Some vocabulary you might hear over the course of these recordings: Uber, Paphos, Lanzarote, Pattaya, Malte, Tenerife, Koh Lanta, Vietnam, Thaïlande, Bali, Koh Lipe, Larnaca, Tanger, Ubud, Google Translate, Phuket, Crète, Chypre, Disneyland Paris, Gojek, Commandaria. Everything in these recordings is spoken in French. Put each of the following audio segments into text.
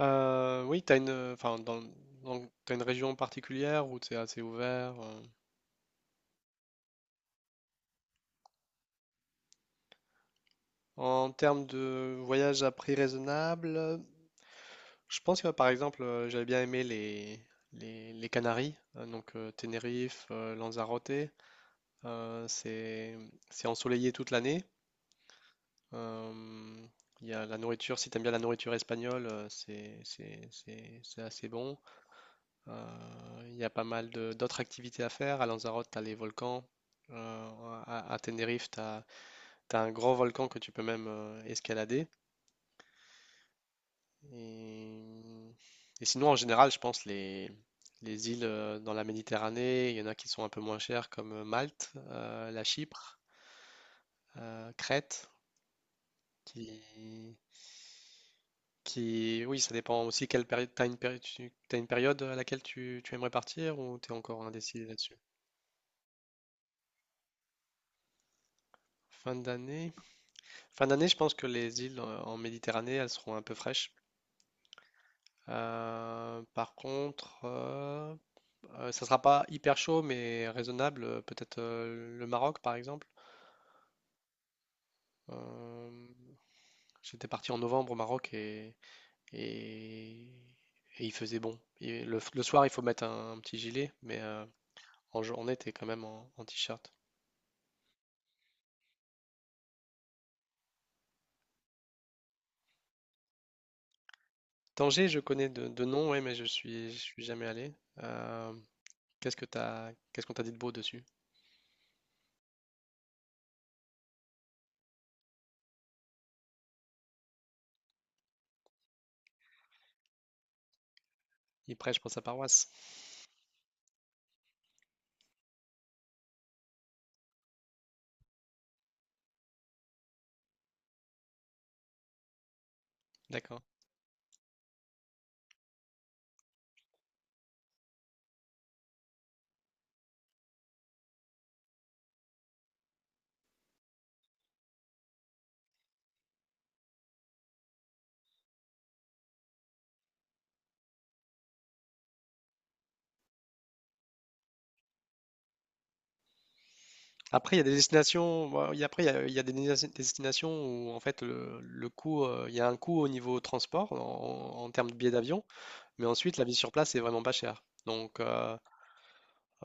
Oui, t'as une, enfin, t'as une région particulière où c'est assez ouvert. En termes de voyage à prix raisonnable, je pense que par exemple, j'avais bien aimé les Canaries, donc Tenerife, Lanzarote. Euh, c'est, c'est ensoleillé toute l'année. Euh, Il y a la nourriture, si t'aimes bien la nourriture espagnole, c'est assez bon. Il y a pas mal d'autres activités à faire. À Lanzarote, tu as les volcans. Euh, à Tenerife, tu as, un grand volcan que tu peux même escalader. Et, et sinon, en général, je pense les îles dans la Méditerranée, il y en a qui sont un peu moins chères, comme Malte, la Chypre, Crète, qui, qui... Oui, ça dépend aussi quelle période... t'as une période à laquelle tu aimerais partir ou t'es encore indécis là-dessus? Fin d'année? Fin d'année, je pense que les îles en Méditerranée, elles seront un peu fraîches. Par contre, ça sera pas hyper chaud, mais raisonnable. Peut-être le Maroc, par exemple. Euh, j'étais parti en novembre au Maroc et, et il faisait bon. Et le soir, il faut mettre un petit gilet, mais en journée, t'es quand même en t-shirt. Tanger, je connais de nom, ouais, mais je suis jamais allé. Euh, qu'est-ce qu'on t'a dit de beau dessus? Il prêche pour sa paroisse. D'accord. Après, il y a des destinations, bon, il y a- après, il y a des destinations où, en fait, le coût, il y a un coût au niveau transport, en termes de billets d'avion, mais ensuite, la vie sur place est vraiment pas chère. Donc, euh,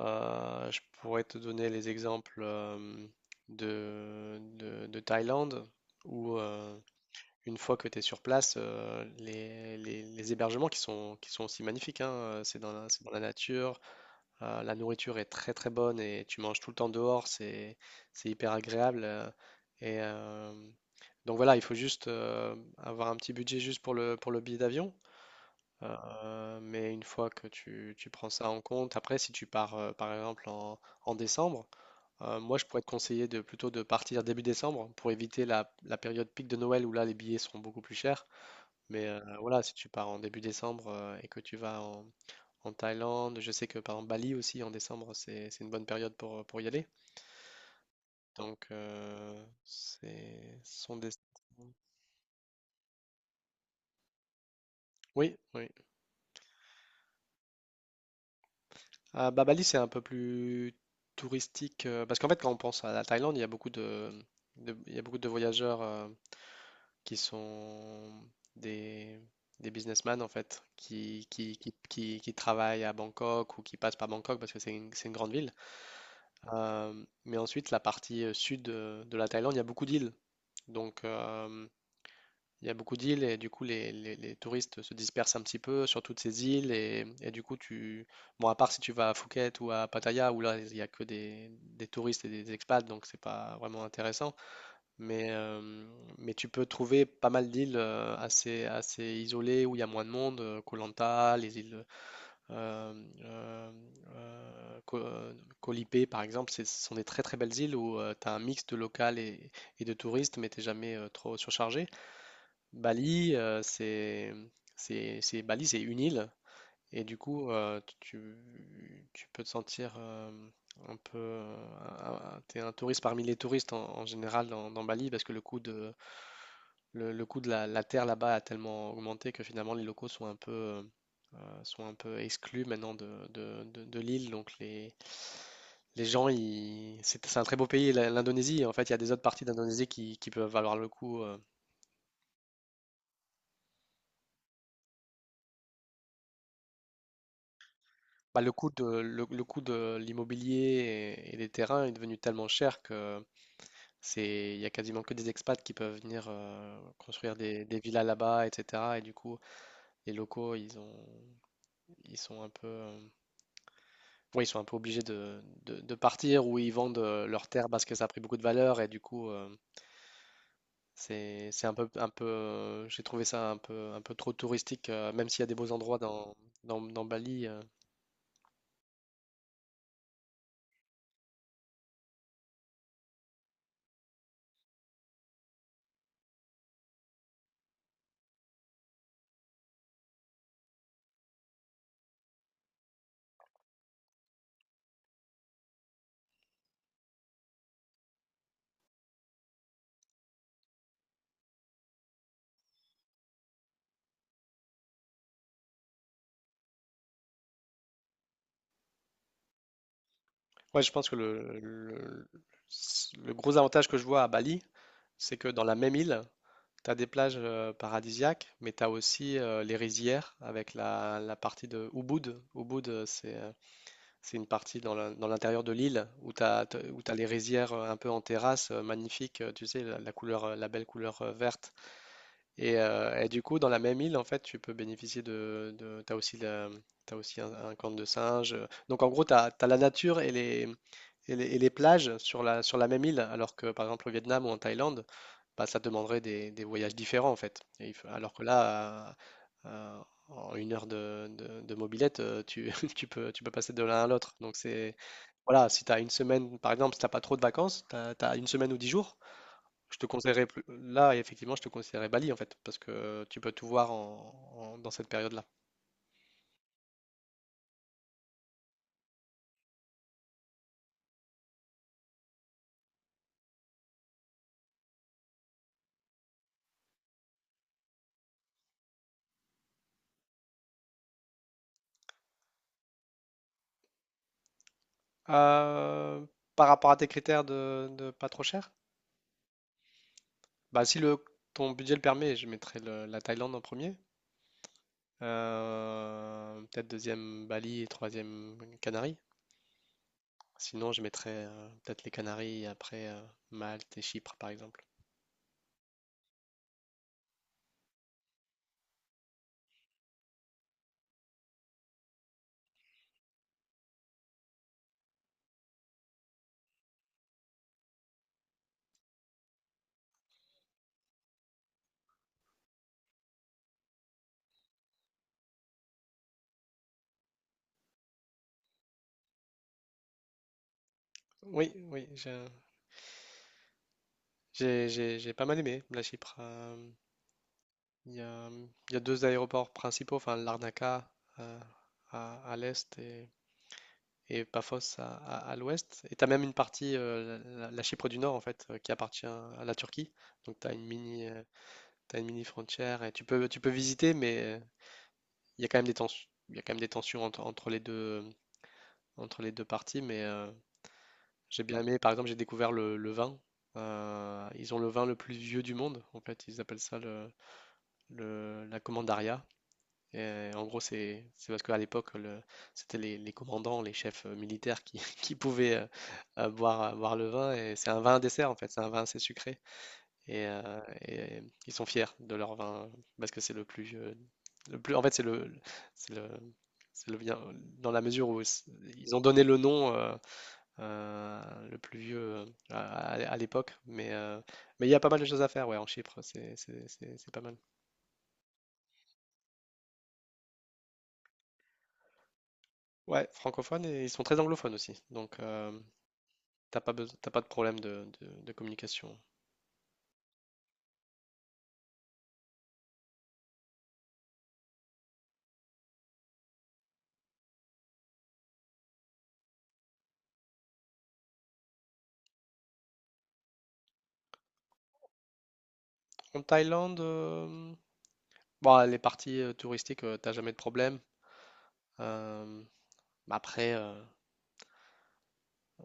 euh, je pourrais te donner les exemples de Thaïlande, où une fois que tu es sur place, les hébergements qui sont aussi magnifiques, hein, c'est dans c'est dans la nature. La nourriture est très très bonne et tu manges tout le temps dehors, c'est hyper agréable. Et euh, donc voilà, il faut juste avoir un petit budget juste pour le billet d'avion. Mais une fois que tu prends ça en compte, après si tu pars par exemple en décembre, moi je pourrais te conseiller de plutôt de partir début décembre pour éviter la période pic de Noël où là les billets seront beaucoup plus chers. Mais voilà, si tu pars en début décembre et que tu vas en Thaïlande. Je sais que par exemple Bali aussi en décembre, c'est une bonne période pour y aller. Donc c'est ce sont des oui, oui. Ah, bah, Bali, c'est un peu plus touristique parce qu'en fait, quand on pense à la Thaïlande, il y a beaucoup il y a beaucoup de voyageurs qui sont des, des businessmen en fait, qui travaillent à Bangkok ou qui passent par Bangkok parce que c'est une grande ville. Euh, mais ensuite, la partie sud de la Thaïlande, il y a beaucoup d'îles. Donc, il y a beaucoup d'îles et du coup les touristes se dispersent un petit peu sur toutes ces îles et du coup tu bon à part si tu vas à Phuket ou à Pattaya où là il y a que des touristes et des expats donc c'est pas vraiment intéressant mais euh, mais tu peux trouver pas mal d'îles assez assez isolées où il y a moins de monde, Koh Lanta, les îles euh, euh, euh, Ko- euh, Koh Lipe, par exemple ce sont des très très belles îles où tu as un mix de local et de touristes mais t'es jamais trop surchargé. Bali, euh, c'est, Bali, c'est une île et du coup, tu peux te sentir un peu, t'es un touriste parmi les touristes en général dans Bali parce que le coût de la terre là-bas a tellement augmenté que finalement les locaux sont un peu exclus maintenant de l'île, donc les gens, c'est un très beau pays, l'Indonésie. En fait, il y a des autres parties d'Indonésie qui peuvent valoir le coup. Bah, le coût de l'immobilier et des terrains est devenu tellement cher que il y a quasiment que des expats qui peuvent venir construire des villas là-bas, etc. Et du coup, les locaux, ils ont, ils sont un peu, ouais, ils sont un peu obligés de partir ou ils vendent leurs terres parce que ça a pris beaucoup de valeur et du coup, c'est un peu, j'ai trouvé ça un peu trop touristique, même s'il y a des beaux endroits dans Bali. Ouais, je pense que le gros avantage que je vois à Bali, c'est que dans la même île, tu as des plages paradisiaques, mais tu as aussi les rizières avec la partie de Ubud. Ubud, c'est une partie dans l'intérieur de l'île où où tu les rizières un peu en terrasse, magnifiques, tu sais, la couleur, la belle couleur verte et du coup, dans la même île, en fait, tu peux bénéficier de t'as aussi t'as aussi un camp de singes. Donc en gros, t'as la nature et et les plages sur sur la même île, alors que par exemple au Vietnam ou en Thaïlande, bah, ça demanderait des voyages différents en fait. Alors que là, euh, euh, en une heure de mobilette, tu peux passer de l'un à l'autre. Donc voilà, si tu as une semaine, par exemple, si t'as pas trop de vacances, une semaine ou dix jours, je te conseillerais plus. Là, effectivement, je te conseillerais Bali en fait, parce que tu peux tout voir dans cette période-là. Euh, par rapport à tes critères de pas trop cher, bah si le ton budget le permet, je mettrais la Thaïlande en premier. Peut-être deuxième Bali et troisième Canaries. Sinon, je mettrais peut-être les Canaries et après Malte et Chypre par exemple. Oui, oui, j'ai j'ai pas mal aimé la Chypre. Il y a, il y a deux aéroports principaux, enfin Larnaca euh, à l'est et Paphos à l'ouest. Et tu as même une partie, la Chypre du Nord en fait, qui appartient à la Turquie. Donc tu as une mini, t'as une mini frontière et tu peux visiter, mais il y a quand même des tensions, il y a quand même des tensions entre, entre les deux parties. Mais j'ai bien aimé, par exemple, j'ai découvert le vin. Ils ont le vin le plus vieux du monde, en fait, ils appellent ça la Commandaria. En gros, c'est parce qu'à l'époque, c'était les commandants, les chefs militaires qui pouvaient boire, boire le vin. Et c'est un vin à dessert, en fait. C'est un vin assez sucré. Et, euh, et ils sont fiers de leur vin parce que c'est le plus, le plus. En fait, c'est le, c'est le bien dans la mesure où ils ont donné le nom le plus vieux à l'époque. Mais il y a pas mal de choses à faire, ouais, en Chypre. C'est pas mal. Ouais, francophone et ils sont très anglophones aussi. T'as pas t'as pas de problème de communication. En Thaïlande, bon, les parties touristiques, t'as jamais de problème. Euh, mais après, euh,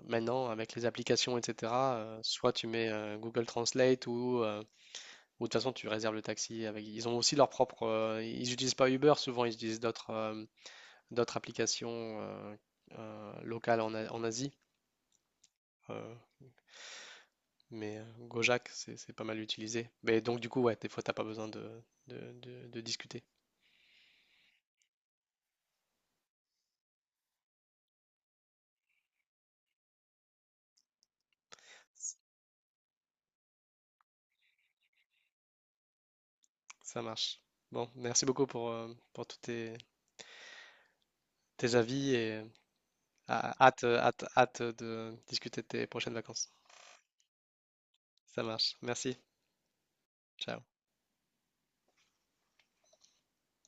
maintenant, avec les applications, etc., soit tu mets Google Translate ou de toute façon, tu réserves le taxi avec. Ils ont aussi leur propre. Ils n'utilisent pas Uber, souvent, ils utilisent d'autres d'autres applications locales en Asie. Euh, mais Gojek, c'est pas mal utilisé. Mais donc, du coup, ouais, des fois, t'as pas besoin de discuter. Ça marche. Bon, merci beaucoup pour tous tes avis et hâte, hâte, hâte de discuter de tes prochaines vacances. Ça marche. Merci. Ciao.